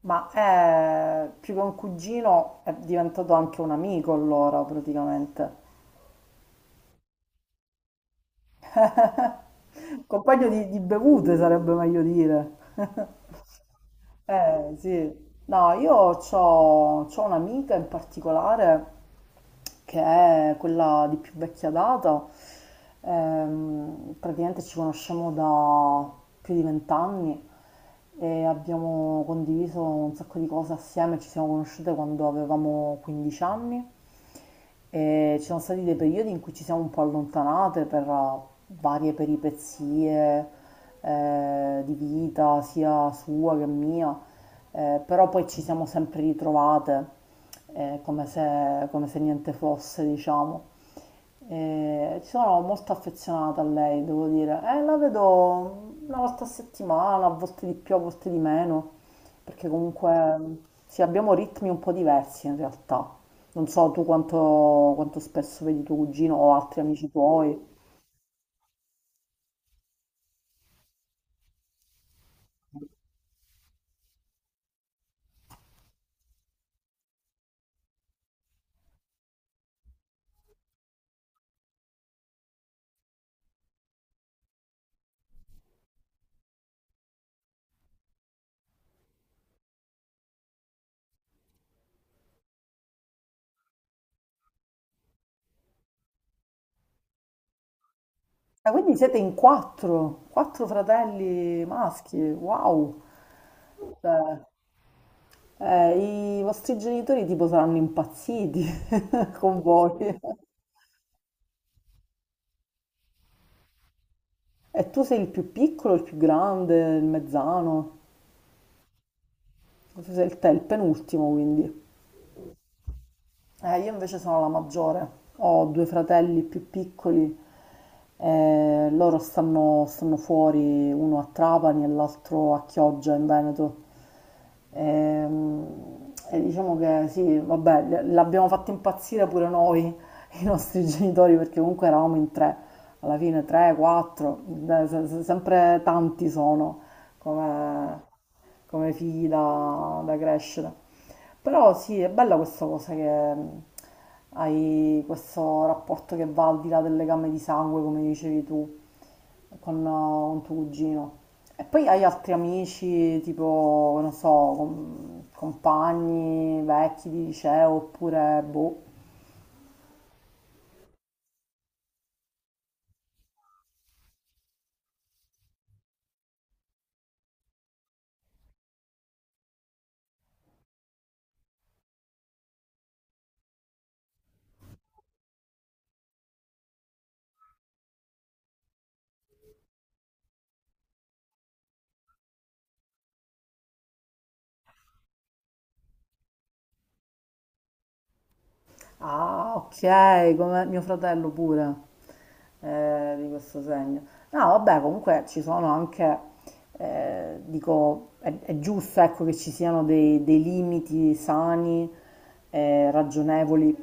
Ma è più che un cugino, è diventato anche un amico allora, praticamente. Compagno di bevute sarebbe meglio dire. Eh sì, no, io ho un'amica in particolare che è quella di più vecchia data, praticamente ci conosciamo da più di vent'anni e abbiamo condiviso un sacco di cose assieme, ci siamo conosciute quando avevamo 15 anni e ci sono stati dei periodi in cui ci siamo un po' allontanate per varie peripezie di vita, sia sua che mia, però poi ci siamo sempre ritrovate come se niente fosse, diciamo. Sono molto affezionata a lei, devo dire. La vedo una volta a settimana, a volte di più, a volte di meno, perché comunque sì, abbiamo ritmi un po' diversi in realtà. Non so tu quanto spesso vedi tuo cugino o altri amici tuoi. Ah, quindi siete in quattro, quattro fratelli maschi, wow. Cioè, i vostri genitori tipo saranno impazziti con voi. E tu sei il più piccolo, il più grande, il mezzano. Tu sei te, il penultimo, quindi. Io invece sono la maggiore, ho due fratelli più piccoli, loro stanno fuori, uno a Trapani e l'altro a Chioggia in Veneto. Ehm, E, diciamo che sì, vabbè, l'abbiamo fatto impazzire pure noi, i nostri genitori, perché comunque eravamo in tre, alla fine tre, quattro, sempre tanti sono come, come figli da crescere. Però sì, è bella questa cosa che hai questo rapporto che va al di là del legame di sangue, come dicevi tu, con tuo cugino. E poi hai altri amici, tipo, non so, compagni vecchi di liceo, oppure boh. Ah, ok, come mio fratello pure, di questo segno. No, vabbè, comunque ci sono anche, dico, è giusto, ecco, che ci siano dei limiti sani, ragionevoli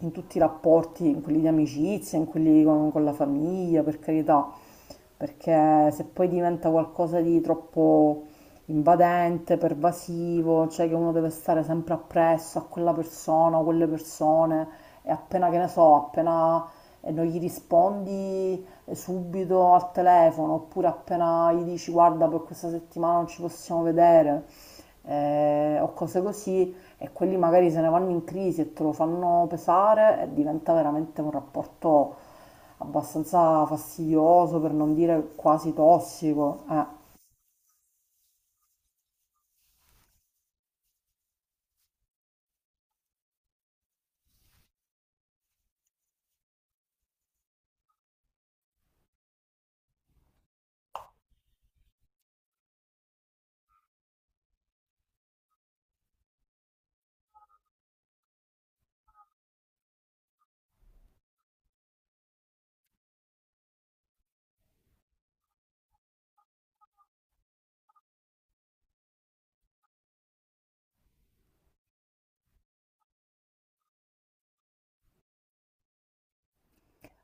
in tutti i rapporti, in quelli di amicizia, in quelli con la famiglia, per carità, perché se poi diventa qualcosa di troppo invadente, pervasivo, cioè che uno deve stare sempre appresso a quella persona o quelle persone e appena che ne so, appena non gli rispondi subito al telefono, oppure appena gli dici guarda per questa settimana non ci possiamo vedere o cose così, e quelli magari se ne vanno in crisi e te lo fanno pesare, e diventa veramente un rapporto abbastanza fastidioso, per non dire quasi tossico. Eh.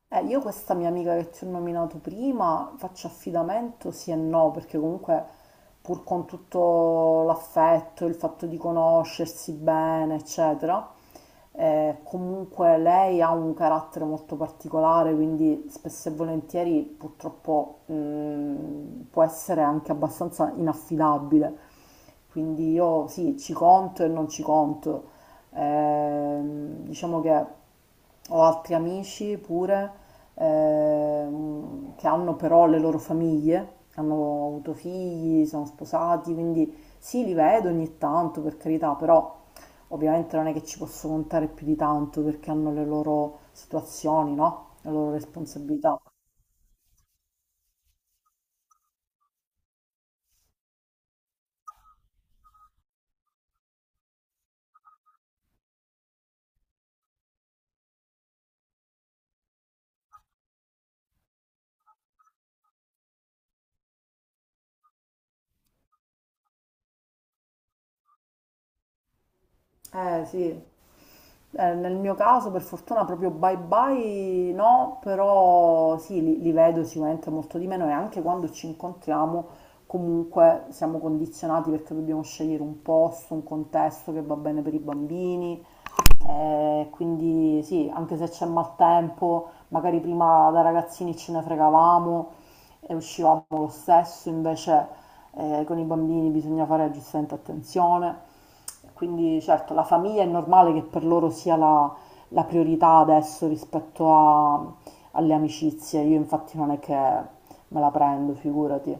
Io questa mia amica che ti ho nominato prima, faccio affidamento sì e no, perché comunque pur con tutto l'affetto, il fatto di conoscersi bene, eccetera, comunque lei ha un carattere molto particolare, quindi spesso e volentieri purtroppo può essere anche abbastanza inaffidabile. Quindi io sì, ci conto e non ci conto. Diciamo che ho altri amici pure che hanno però le loro famiglie, hanno avuto figli, sono sposati, quindi sì, li vedo ogni tanto per carità, però ovviamente non è che ci posso contare più di tanto perché hanno le loro situazioni, no? Le loro responsabilità. Eh sì, eh, nel mio caso, per fortuna, proprio bye bye no, però sì, li vedo sicuramente molto di meno, e anche quando ci incontriamo, comunque siamo condizionati perché dobbiamo scegliere un posto, un contesto che va bene per i bambini. Quindi sì, anche se c'è maltempo, magari prima da ragazzini ce ne fregavamo e uscivamo lo stesso, invece con i bambini bisogna fare giustamente attenzione. Quindi certo, la famiglia è normale che per loro sia la priorità adesso rispetto alle amicizie. Io infatti non è che me la prendo, figurati.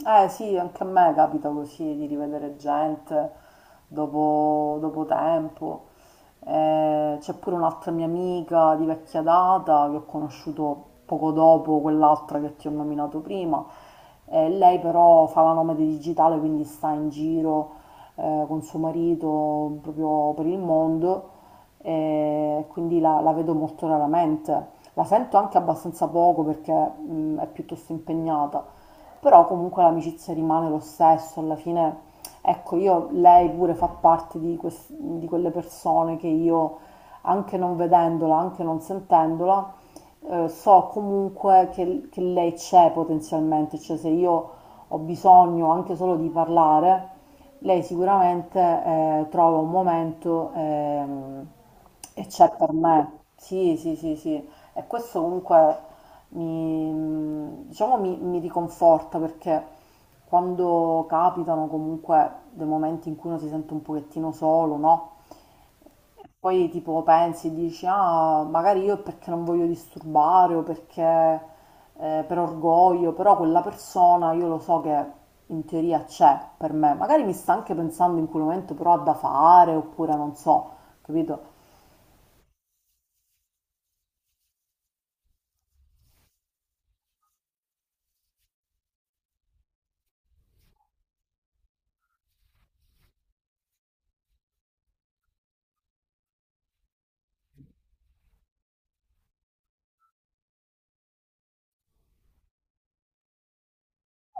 Eh sì, anche a me capita così di rivedere gente dopo tempo. C'è pure un'altra mia amica di vecchia data che ho conosciuto poco dopo quell'altra che ti ho nominato prima. Lei però fa la nomade digitale, quindi sta in giro con suo marito proprio per il mondo, e quindi la vedo molto raramente. La sento anche abbastanza poco perché è piuttosto impegnata, però comunque l'amicizia rimane lo stesso, alla fine, ecco, io, lei pure fa parte di quelle persone che io, anche non vedendola, anche non sentendola, so comunque che lei c'è potenzialmente, cioè se io ho bisogno anche solo di parlare, lei sicuramente trova un momento e c'è per me. Sì, sì, sì, sì. E questo comunque diciamo, mi riconforta perché quando capitano comunque dei momenti in cui uno si sente un pochettino solo, no? E poi tipo pensi, e dici, ah, magari io è perché non voglio disturbare o perché per orgoglio, però quella persona io lo so che in teoria c'è per me. Magari mi sta anche pensando in quel momento, però ha da fare oppure non so, capito?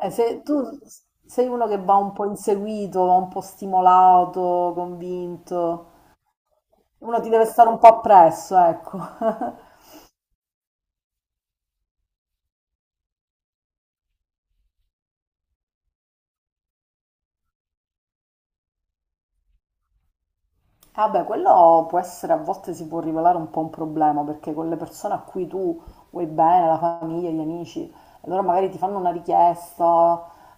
Se tu sei uno che va un po' inseguito, va un po' stimolato, convinto, uno ti deve stare un po' appresso, ecco. Vabbè, quello può essere, a volte si può rivelare un po' un problema, perché con le persone a cui tu vuoi bene, la famiglia, gli amici, allora magari ti fanno una richiesta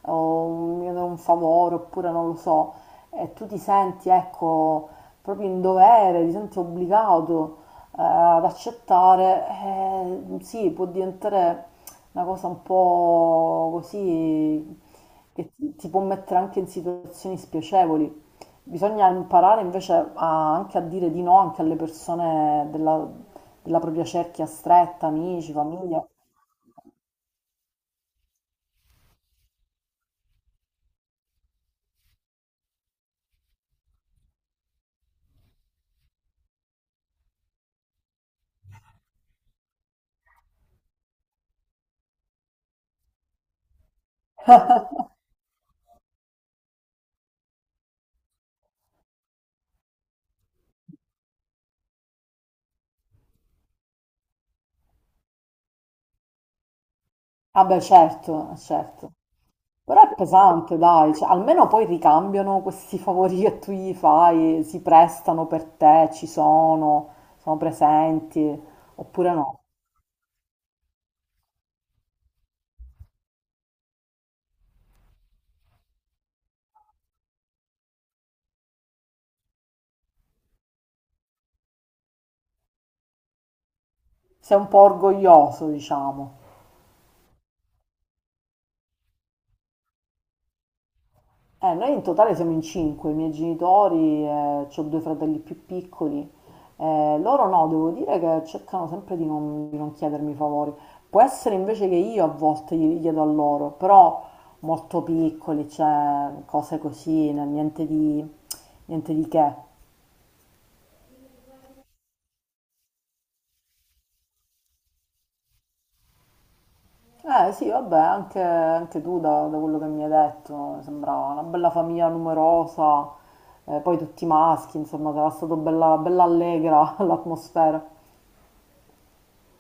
o un, mi chiedono un favore, oppure non lo so, e tu ti senti, ecco, proprio in dovere, ti senti obbligato ad accettare, sì, può diventare una cosa un po' così che ti può mettere anche in situazioni spiacevoli. Bisogna imparare invece anche a dire di no anche alle persone della propria cerchia stretta, amici, famiglia. Ah beh, certo, certo. Però è pesante, dai, cioè, almeno poi ricambiano questi favori che tu gli fai, si prestano per te, ci sono, sono presenti, oppure no. Sei un po' orgoglioso, diciamo. Noi in totale siamo in 5, i miei genitori, ho due fratelli più piccoli. Loro no, devo dire che cercano sempre di non chiedermi favori. Può essere invece che io a volte glieli chiedo a loro, però molto piccoli, cioè cose così, niente niente di che. Eh sì, vabbè, anche, anche tu da quello che mi hai detto, sembrava una bella famiglia numerosa, poi tutti maschi, insomma, sarà stato bella allegra l'atmosfera.